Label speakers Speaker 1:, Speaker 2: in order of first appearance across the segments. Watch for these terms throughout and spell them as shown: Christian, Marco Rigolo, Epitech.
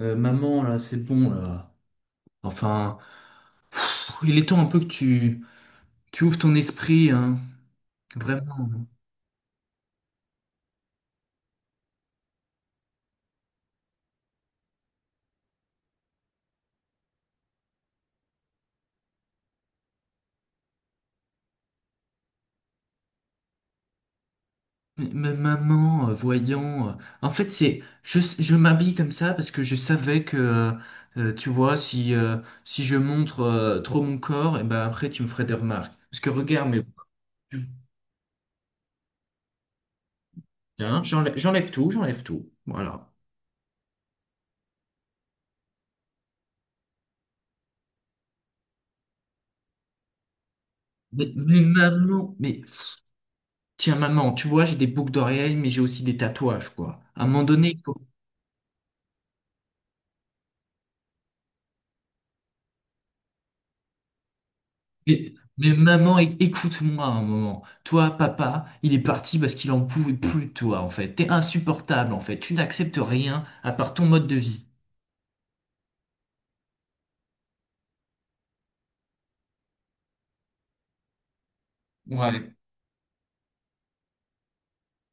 Speaker 1: Maman, là, c'est bon, là. Enfin, il est temps un peu que tu ouvres ton esprit, hein. Vraiment. Mais maman, voyant. En fait, je m'habille comme ça parce que je savais que, tu vois, si si je montre trop mon corps, et ben après, tu me ferais des remarques. Parce que regarde, mais hein, j'enlève j'enlève tout. Voilà. Mais maman, mais tiens, maman, tu vois, j'ai des boucles d'oreilles, mais j'ai aussi des tatouages, quoi. À un moment donné, mais maman, écoute-moi un moment. Toi, papa, il est parti parce qu'il en pouvait plus de toi, en fait. T'es insupportable, en fait. Tu n'acceptes rien à part ton mode de vie. Ouais.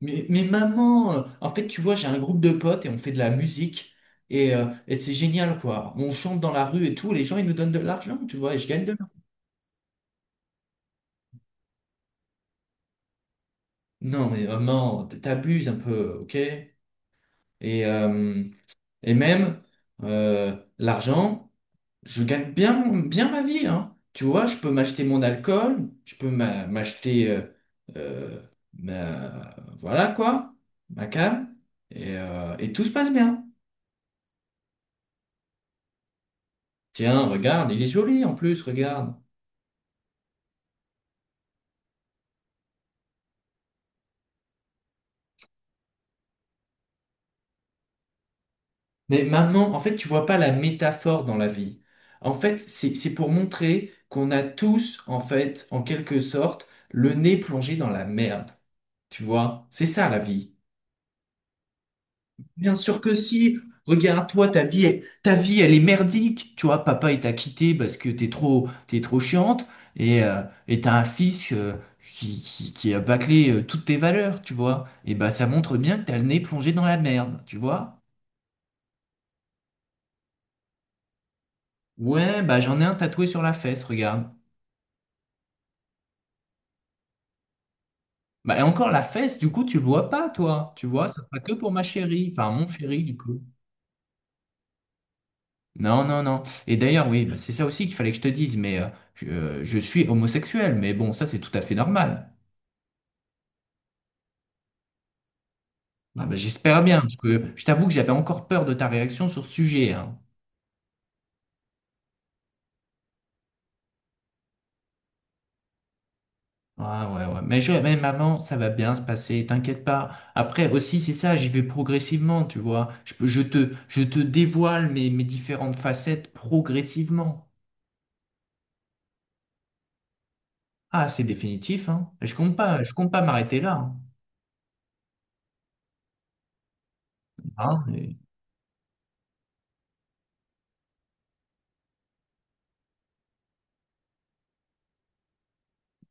Speaker 1: Mais maman, en fait, tu vois, j'ai un groupe de potes et on fait de la musique. Et c'est génial, quoi. On chante dans la rue et tout. Les gens, ils nous donnent de l'argent, tu vois, et je gagne de l'argent. Non, mais maman, t'abuses un peu, ok? Et, euh, et même, l'argent. Je gagne bien, bien ma vie, hein. Tu vois, je peux m'acheter mon alcool, je peux m'acheter, euh, voilà quoi, ma cam, et tout se passe bien. Tiens, regarde, il est joli en plus, regarde. Mais maman, en fait, tu vois pas la métaphore dans la vie. En fait, c'est pour montrer qu'on a tous, en fait, en quelque sorte, le nez plongé dans la merde. Tu vois, c'est ça la vie. Bien sûr que si. Regarde, toi, ta vie, elle est merdique. Tu vois, papa, il t'a quitté parce que t'es trop chiante. Et euh, et t'as un fils qui a bâclé toutes tes valeurs, tu vois. Et bah, ça montre bien que t'as le nez plongé dans la merde, tu vois. Ouais, bah, j'en ai un tatoué sur la fesse, regarde. Bah, et encore la fesse, du coup, tu le vois pas, toi. Tu vois, ça sera que pour ma chérie. Enfin, mon chéri, du coup. Non, non, non. Et d'ailleurs, oui, bah, c'est ça aussi qu'il fallait que je te dise, mais je suis homosexuel, mais bon, ça c'est tout à fait normal. Ah, bah, j'espère bien, parce que je t'avoue que j'avais encore peur de ta réaction sur ce sujet, hein. Ah, ouais, ouais. Mais mais maman, ça va bien se passer, t'inquiète pas. Après aussi, c'est ça, j'y vais progressivement, tu vois. Je te dévoile mes, mes différentes facettes progressivement. Ah, c'est définitif, hein. Je compte pas m'arrêter là. Hein. Hein,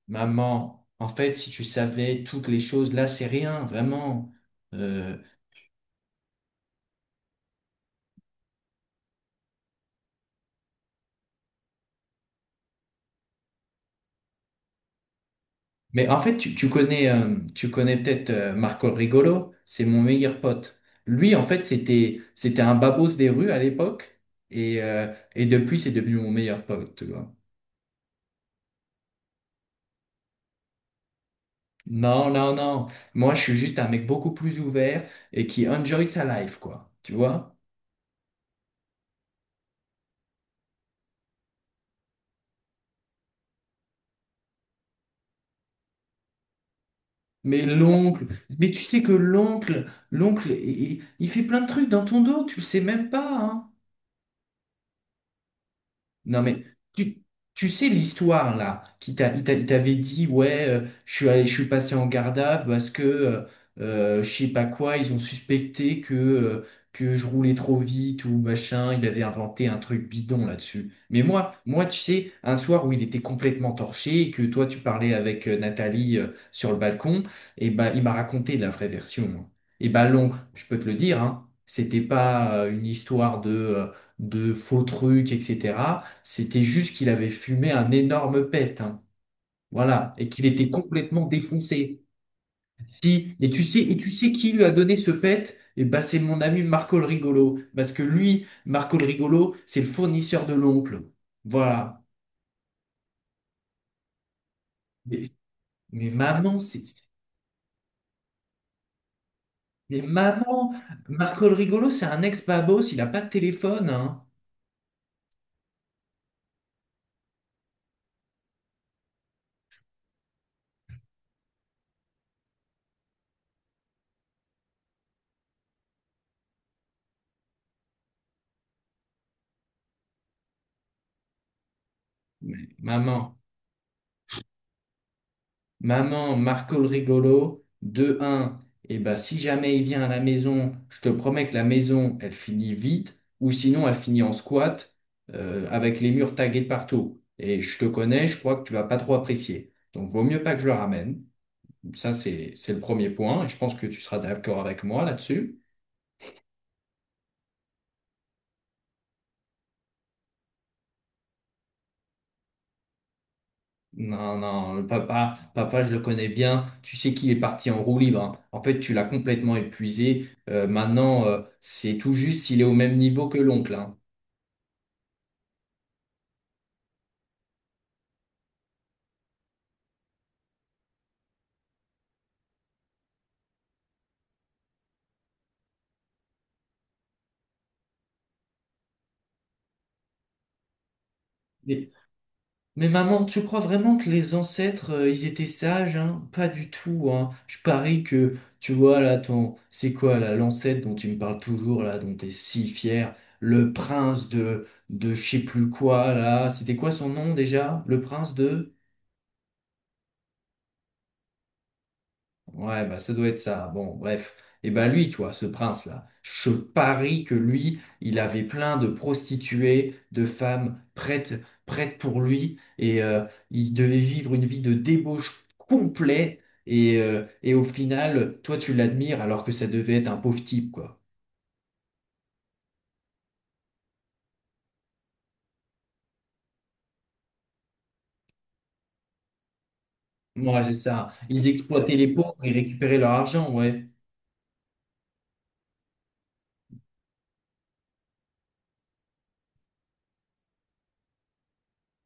Speaker 1: maman, en fait, si tu savais toutes les choses, là, c'est rien, vraiment. Euh, mais en fait, tu connais peut-être Marco Rigolo, c'est mon meilleur pote. Lui, en fait, c'était un babos des rues à l'époque, et depuis, c'est devenu mon meilleur pote, tu vois. Non, non, non. Moi, je suis juste un mec beaucoup plus ouvert et qui enjoy sa life, quoi. Tu vois? Mais l'oncle, mais tu sais que l'oncle, il fait plein de trucs dans ton dos, tu le sais même pas, hein. Non, mais tu, tu sais l'histoire là, il t'avait dit, ouais, je suis passé en garde à vue parce que je sais pas quoi, ils ont suspecté que je roulais trop vite ou machin, il avait inventé un truc bidon là-dessus. Mais moi, tu sais, un soir où il était complètement torché et que toi tu parlais avec Nathalie sur le balcon, et ben il m'a raconté la vraie version. Et ben l'oncle, je peux te le dire, hein, c'était pas une histoire de faux trucs, etc. C'était juste qu'il avait fumé un énorme pet, hein. Voilà, et qu'il était complètement défoncé. Et tu sais, et tu sais qui lui a donné ce pet? Eh ben, c'est mon ami Marco le Rigolo, parce que lui, Marco le Rigolo, c'est le fournisseur de l'oncle. Voilà. Mais, mais maman, mais maman, Marco le Rigolo, c'est un ex-babos, il a pas de téléphone, hein. Mais maman. Maman, Marco le rigolo, deux un, et ben si jamais il vient à la maison, je te promets que la maison, elle finit vite, ou sinon elle finit en squat avec les murs tagués de partout. Et je te connais, je crois que tu vas pas trop apprécier. Donc, vaut mieux pas que je le ramène. Ça, c'est le premier point. Et je pense que tu seras d'accord avec moi là-dessus. Non, non, le papa, papa, je le connais bien. Tu sais qu'il est parti en roue libre. Hein. En fait, tu l'as complètement épuisé. Maintenant, c'est tout juste s'il est au même niveau que l'oncle. Hein. Mais, mais maman, tu crois vraiment que les ancêtres, ils étaient sages, hein? Pas du tout, hein. Je parie que, tu vois, là, ton... C'est quoi, là, l'ancêtre dont tu me parles toujours, là, dont t'es si fier? Le prince de je sais plus quoi, là. C'était quoi son nom, déjà? Le prince de... Ouais, bah ça doit être ça. Bon, bref. Et ben lui, tu vois, ce prince-là, je parie que lui, il avait plein de prostituées, de femmes prêtes, prêtes pour lui, et il devait vivre une vie de débauche complète. Et au final, toi, tu l'admires alors que ça devait être un pauvre type, quoi. Moi, c'est ça. Ils exploitaient les pauvres, ils récupéraient leur argent, ouais.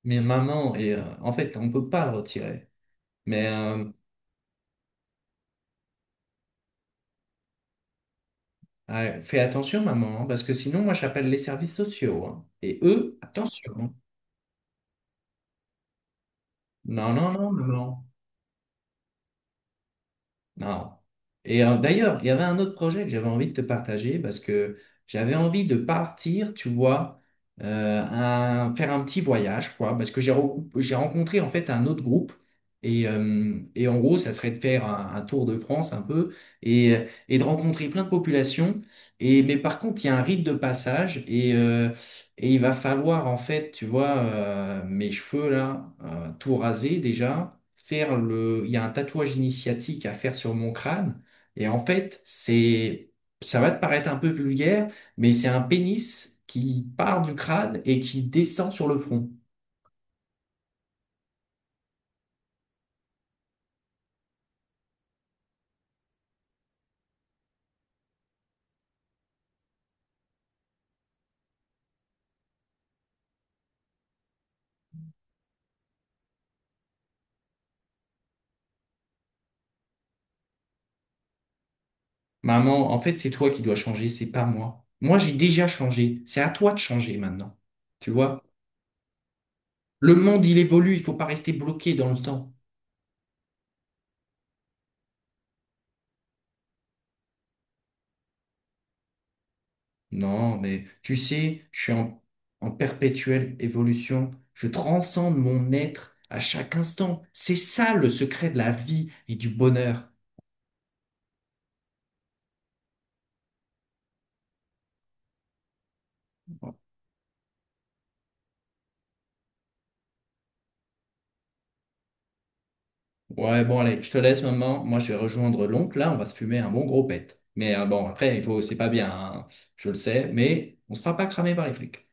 Speaker 1: Mais maman, et, en fait, on peut pas le retirer. Mais, ah, fais attention, maman, hein, parce que sinon, moi, j'appelle les services sociaux. Hein. Et eux, attention. Hein. Non, non, non, maman. Non. Et d'ailleurs, il y avait un autre projet que j'avais envie de te partager parce que j'avais envie de partir, tu vois, faire un petit voyage, quoi, parce que j'ai rencontré en fait un autre groupe. Et en gros, ça serait de faire un tour de France un peu et, et de rencontrer plein de populations. Et, mais par contre, il y a un rite de passage et, et il va falloir, en fait, tu vois, mes cheveux là, tout raser déjà, faire le. Il y a un tatouage initiatique à faire sur mon crâne. Et en fait, c'est. Ça va te paraître un peu vulgaire, mais c'est un pénis qui part du crâne et qui descend sur le front. Maman, en fait, c'est toi qui dois changer, c'est pas moi. Moi, j'ai déjà changé. C'est à toi de changer maintenant. Tu vois? Le monde, il évolue, il faut pas rester bloqué dans le temps. Non, mais tu sais, je suis en, en perpétuelle évolution. Je transcende mon être à chaque instant. C'est ça le secret de la vie et du bonheur. Ouais, bon, allez, je te laisse, maman. Moi, je vais rejoindre l'oncle. Là, on va se fumer un bon gros pet. Mais bon, après, il faut, c'est pas bien, hein, je le sais, mais on se fera pas cramer par les flics.